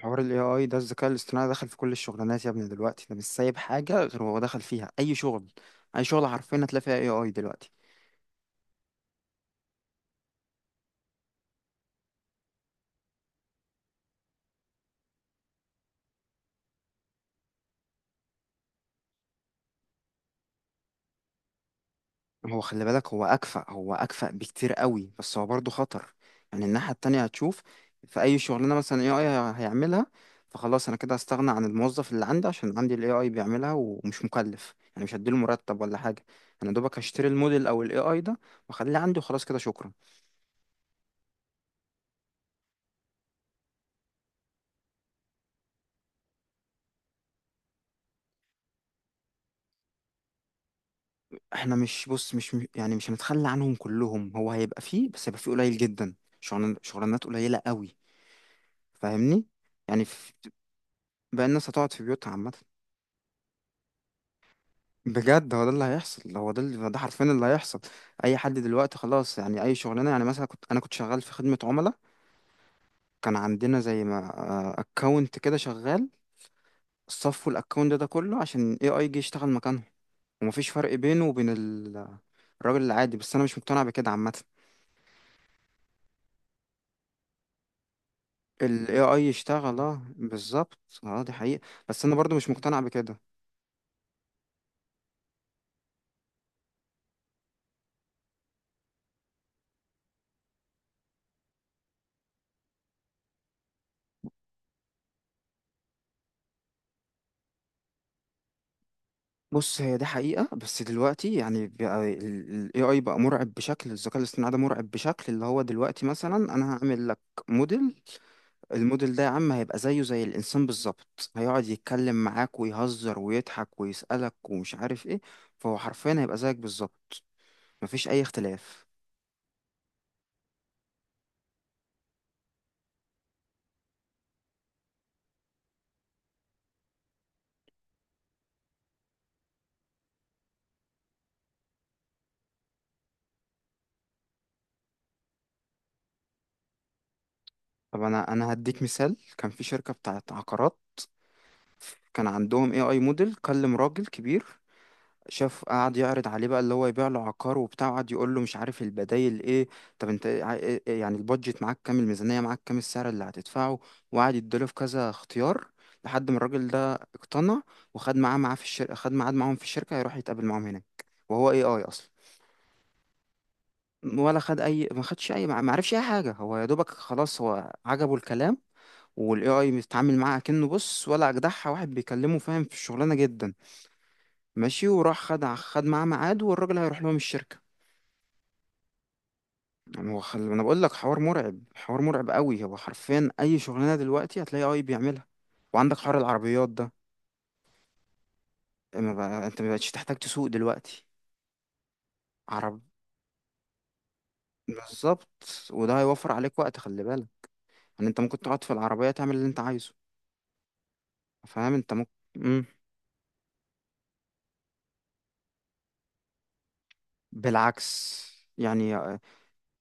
حوار ال AI ده، الذكاء الاصطناعي دخل في كل الشغلانات يا ابني. دلوقتي ده مش سايب حاجة، غير هو دخل فيها. أي شغل، أي شغل حرفيا هتلاقي فيها AI دلوقتي. هو خلي بالك، هو أكفأ بكتير قوي، بس هو برضه خطر. يعني الناحية التانية هتشوف. في أي شغلانة مثلا AI هيعملها فخلاص، أنا كده هستغنى عن الموظف اللي عندي، عشان عندي ال AI بيعملها ومش مكلف. يعني مش هديله مرتب ولا حاجة. أنا دوبك هشتري الموديل أو ال AI ده وأخليه عندي، وخلاص كده شكرا. احنا مش، بص مش مش- يعني مش هنتخلى عنهم كلهم. هو هيبقى فيه، بس هيبقى فيه قليل جدا. شغلانات قليلة قوي. فاهمني؟ يعني في- بقى الناس هتقعد في بيوتها عامة. بجد، هو ده اللي هيحصل. هو ده اللي، ده حرفيا اللي هيحصل. اي حد دلوقتي خلاص، يعني اي شغلانة. يعني مثلا كنت شغال في خدمة عملاء. كان عندنا زي ما اكونت كده شغال. صفوا الاكونت ده، ده كله عشان اي اي جي يشتغل مكانه. ومفيش فرق بينه وبين الراجل العادي. بس انا مش مقتنع بكده عامة. ال AI يشتغل، اه بالظبط. اه، دي حقيقة. بس انا برضو مش مقتنع بكده. بص، هي دي حقيقة. بس دلوقتي يعني، بقى ال AI بقى مرعب بشكل. الذكاء الاصطناعي ده مرعب بشكل اللي هو دلوقتي. مثلا انا هعمل لك موديل، الموديل ده يا عم هيبقى زيه زي الانسان بالظبط. هيقعد يتكلم معاك ويهزر ويضحك ويسألك ومش عارف ايه. فهو حرفيا هيبقى زيك بالظبط، مفيش اي اختلاف. طب، انا هديك مثال. كان في شركة بتاعت عقارات، كان عندهم AI موديل. كلم راجل كبير، شاف، قعد يعرض عليه بقى اللي هو يبيع له عقار وبتاع. قعد يقول له مش عارف البدايل ايه. طب إيه، يعني البادجت معاك كام؟ الميزانية معاك كام؟ السعر اللي هتدفعه؟ وقعد يديله في كذا اختيار لحد ما الراجل ده اقتنع، وخد معاه في الشركة. خد ميعاد معاهم في الشركة يروح يتقابل معاهم هناك، وهو اي اي اصلا. ولا خد اي، ما خدش اي، ما عرفش اي حاجة. هو يا دوبك خلاص، هو عجبه الكلام. والاي اي بيتعامل معاه كأنه، بص، ولا اجدعها واحد بيكلمه، فاهم في الشغلانة جدا. ماشي، وراح خد معاه ميعاد، والراجل هيروح لهم الشركة. هو انا بقول لك حوار مرعب، حوار مرعب قوي. هو حرفيا اي شغلانه دلوقتي هتلاقي اي بيعملها. وعندك حوار العربيات ده. آه، ما بقى... انت ما بقتش تحتاج تسوق دلوقتي. عرب بالظبط وده هيوفر عليك وقت. خلي بالك ان انت ممكن تقعد في العربيه تعمل اللي انت عايزه. فاهم؟ انت ممكن. مم. بالعكس. يعني،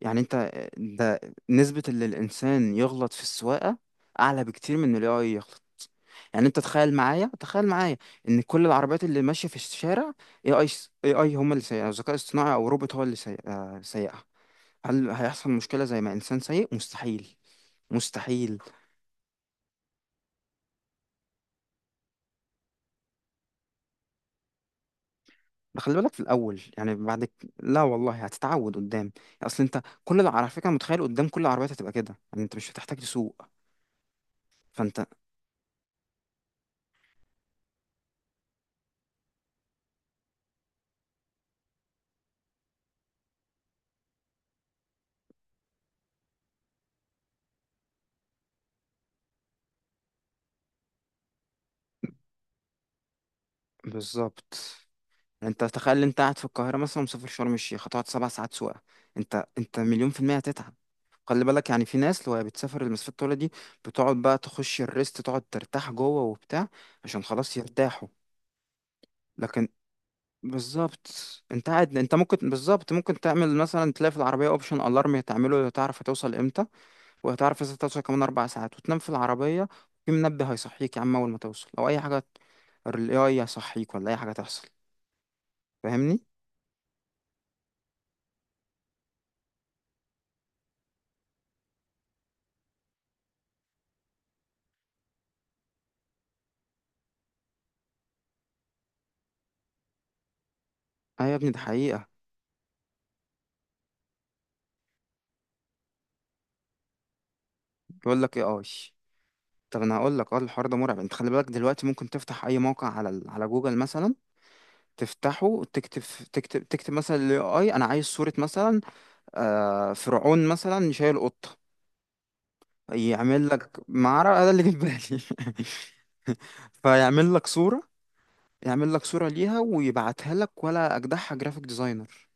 انت ده، نسبة اللي الانسان يغلط في السواقة اعلى بكتير من اللي هو يغلط. يعني انت تخيل معايا، تخيل معايا ان كل العربيات اللي ماشية في الشارع اي اي، هم اللي سايقها. ذكاء اصطناعي او روبوت هو اللي آه، سايقها. هل هيحصل مشكلة زي ما انسان سايق؟ مستحيل، مستحيل. ده خلي بالك في الاول، يعني لا والله، هتتعود قدام. اصل انت على فكره، متخيل قدام كل العربيات هتبقى كده، يعني انت مش هتحتاج تسوق. فانت، بالظبط. انت تخيل، انت قاعد في القاهره مثلا مسافر شرم الشيخ، هتقعد سبع ساعات سواقه. انت مليون في الميه هتتعب. خلي بالك، يعني في ناس لو هي بتسافر المسافات الطويله دي، بتقعد بقى تخش الريست، تقعد ترتاح جوه وبتاع، عشان خلاص يرتاحوا. لكن بالظبط، انت قاعد، انت ممكن بالظبط ممكن تعمل، مثلا تلاقي في العربيه اوبشن الارم، تعمله لو تعرف هتوصل امتى. وهتعرف اذا توصل كمان اربع ساعات، وتنام في العربيه. في منبه هيصحيك يا عم اول ما توصل، لو اي حاجه الاي اي هيصحيك، ولا اي حاجه تحصل. فاهمني؟ اه يا ابني، ده حقيقه. بيقول لك ايه اي. طب انا هقول لك، اه الحوار ده مرعب. انت خلي بالك دلوقتي ممكن تفتح اي موقع على على جوجل مثلا. تفتحه، تكتب مثلا الاي اي، انا عايز صورة مثلا، آه فرعون مثلا شايل قطة. يعمل لك معركة. آه، ده اللي جه في بالي. فيعمل لك صورة. يعمل لك صورة ليها ويبعتها لك، ولا أجدعها جرافيك ديزاينر.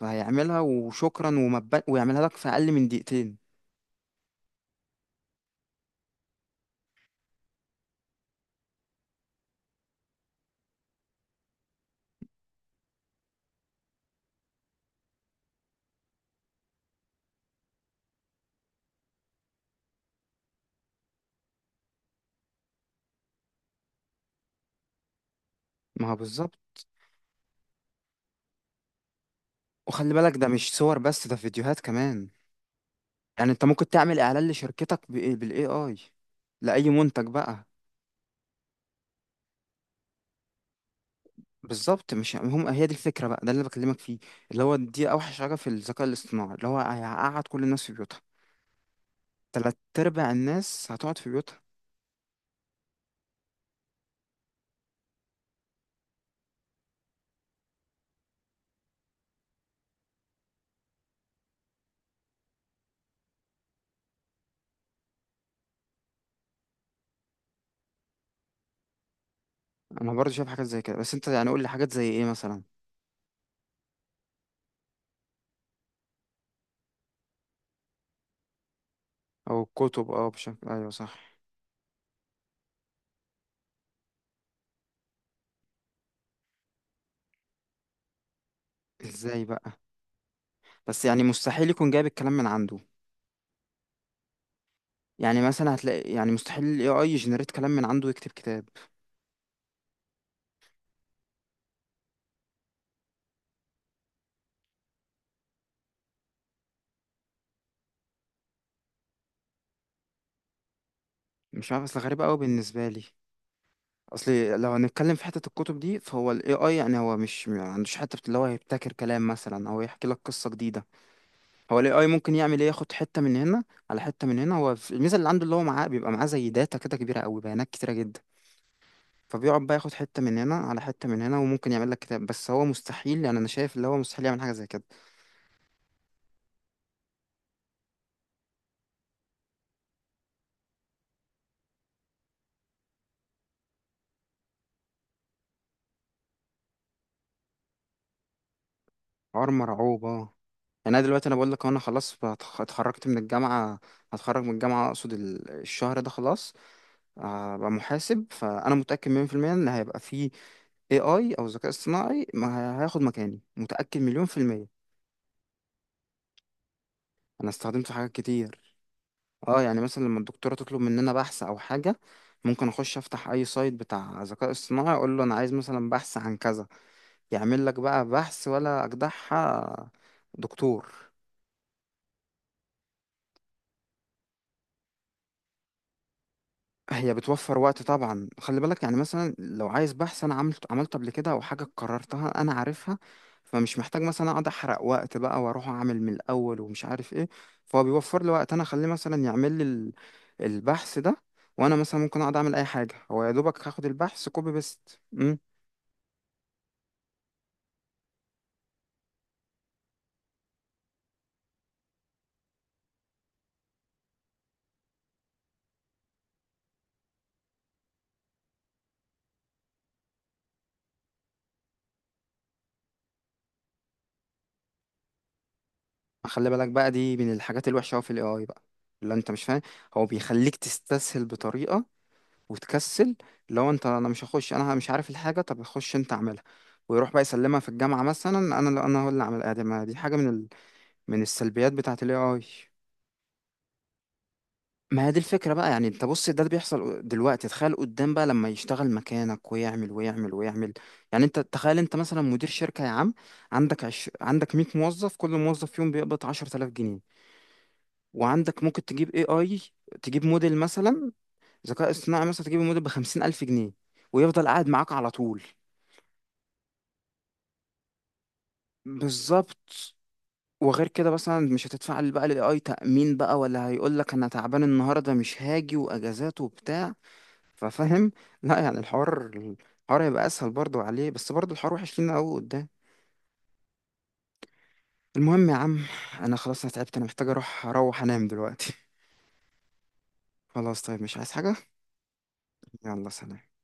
فهيعملها وشكرا، ويعملها لك في أقل من دقيقتين. ما هو بالظبط. وخلي بالك، ده مش صور بس، ده فيديوهات كمان. يعني انت ممكن تعمل اعلان لشركتك بالاي اي لاي منتج بقى. بالظبط، مش هم. هي دي الفكره بقى، ده اللي بكلمك فيه. اللي هو دي اوحش حاجه في الذكاء الاصطناعي، اللي هو هيقعد كل الناس في بيوتها. تلات ارباع الناس هتقعد في بيوتها. انا برضه شايف حاجات زي كده. بس انت يعني قول لي حاجات زي ايه مثلا. او الكتب، اه بشكل، ايوه صح. ازاي بقى؟ بس يعني مستحيل يكون جايب الكلام من عنده. يعني مثلا هتلاقي، يعني مستحيل الاي اي يجنريت كلام من عنده ويكتب كتاب. مش عارف، اصل غريب قوي بالنسبه لي. اصل لو هنتكلم في حته الكتب دي، فهو الاي اي يعني، هو مش ما عندوش حته اللي هو هيبتكر كلام مثلا او يحكي لك قصه جديده. هو الاي اي ممكن يعمل ايه؟ ياخد حته من هنا على حته من هنا. هو الميزه اللي عنده، اللي هو معاه، بيبقى معاه زي داتا كده كبيره قوي، بيانات كتيره جدا. فبيقعد بقى ياخد حته من هنا على حته من هنا، وممكن يعمل لك كتاب. بس هو مستحيل، يعني انا شايف اللي هو مستحيل يعمل حاجه زي كده. حوار مرعوب اه. يعني انا دلوقتي، انا بقول لك انا خلاص اتخرجت من الجامعه. هتخرج من الجامعه اقصد، الشهر ده خلاص. هبقى محاسب، فانا متاكد 100% ان هيبقى في AI او ذكاء اصطناعي ما هي- هياخد مكاني. متاكد مليون في الميه. انا استخدمته في حاجات كتير. اه يعني مثلا لما الدكتوره تطلب مننا بحث او حاجه، ممكن اخش افتح اي سايت بتاع ذكاء اصطناعي، اقول له انا عايز مثلا بحث عن كذا. يعمل لك بقى بحث ولا اجدعها دكتور. هي بتوفر وقت طبعا. خلي بالك يعني مثلا لو عايز بحث انا عملت، عملته قبل كده، او حاجه قررتها انا عارفها، فمش محتاج مثلا اقعد احرق وقت بقى واروح اعمل من الاول ومش عارف ايه. فهو بيوفر لي وقت، انا اخليه مثلا يعمل لي البحث ده، وانا مثلا ممكن اقعد اعمل اي حاجه. هو يا دوبك هاخد البحث كوبي بيست. امم. خلي بالك بقى، دي من الحاجات الوحشه أوي في الاي اي بقى، اللي انت مش فاهم. هو بيخليك تستسهل بطريقه وتكسل. لو انت، انا مش هخش، انا مش عارف الحاجه، طب خش انت اعملها. ويروح بقى يسلمها في الجامعه مثلا. انا انا هو اللي اعمل. ادي ما دي حاجه من من السلبيات بتاعه الاي اي. ما هي دي الفكره بقى. يعني انت بص، ده اللي بيحصل دلوقتي. تخيل قدام بقى لما يشتغل مكانك ويعمل ويعمل ويعمل. يعني انت تخيل، انت مثلا مدير شركه يا عم، عندك 100 موظف، كل موظف فيهم بيقبض 10000 جنيه. وعندك ممكن تجيب اي اي، تجيب موديل مثلا، ذكاء اصطناعي مثلا، تجيب موديل ب 50000 جنيه، ويفضل قاعد معاك على طول. بالظبط. وغير كده مثلا مش هتدفع بقى للاي اي تأمين بقى، ولا هيقول لك انا تعبان النهارده مش هاجي، واجازات وبتاع. ففاهم؟ لا يعني الحوار، الحوار هيبقى اسهل برضو عليه. بس برضو الحوار وحش لينا قوي قدام. المهم يا عم، انا خلاص انا تعبت، انا محتاج اروح، انام دلوقتي. خلاص طيب، مش عايز حاجة؟ يلا سلام.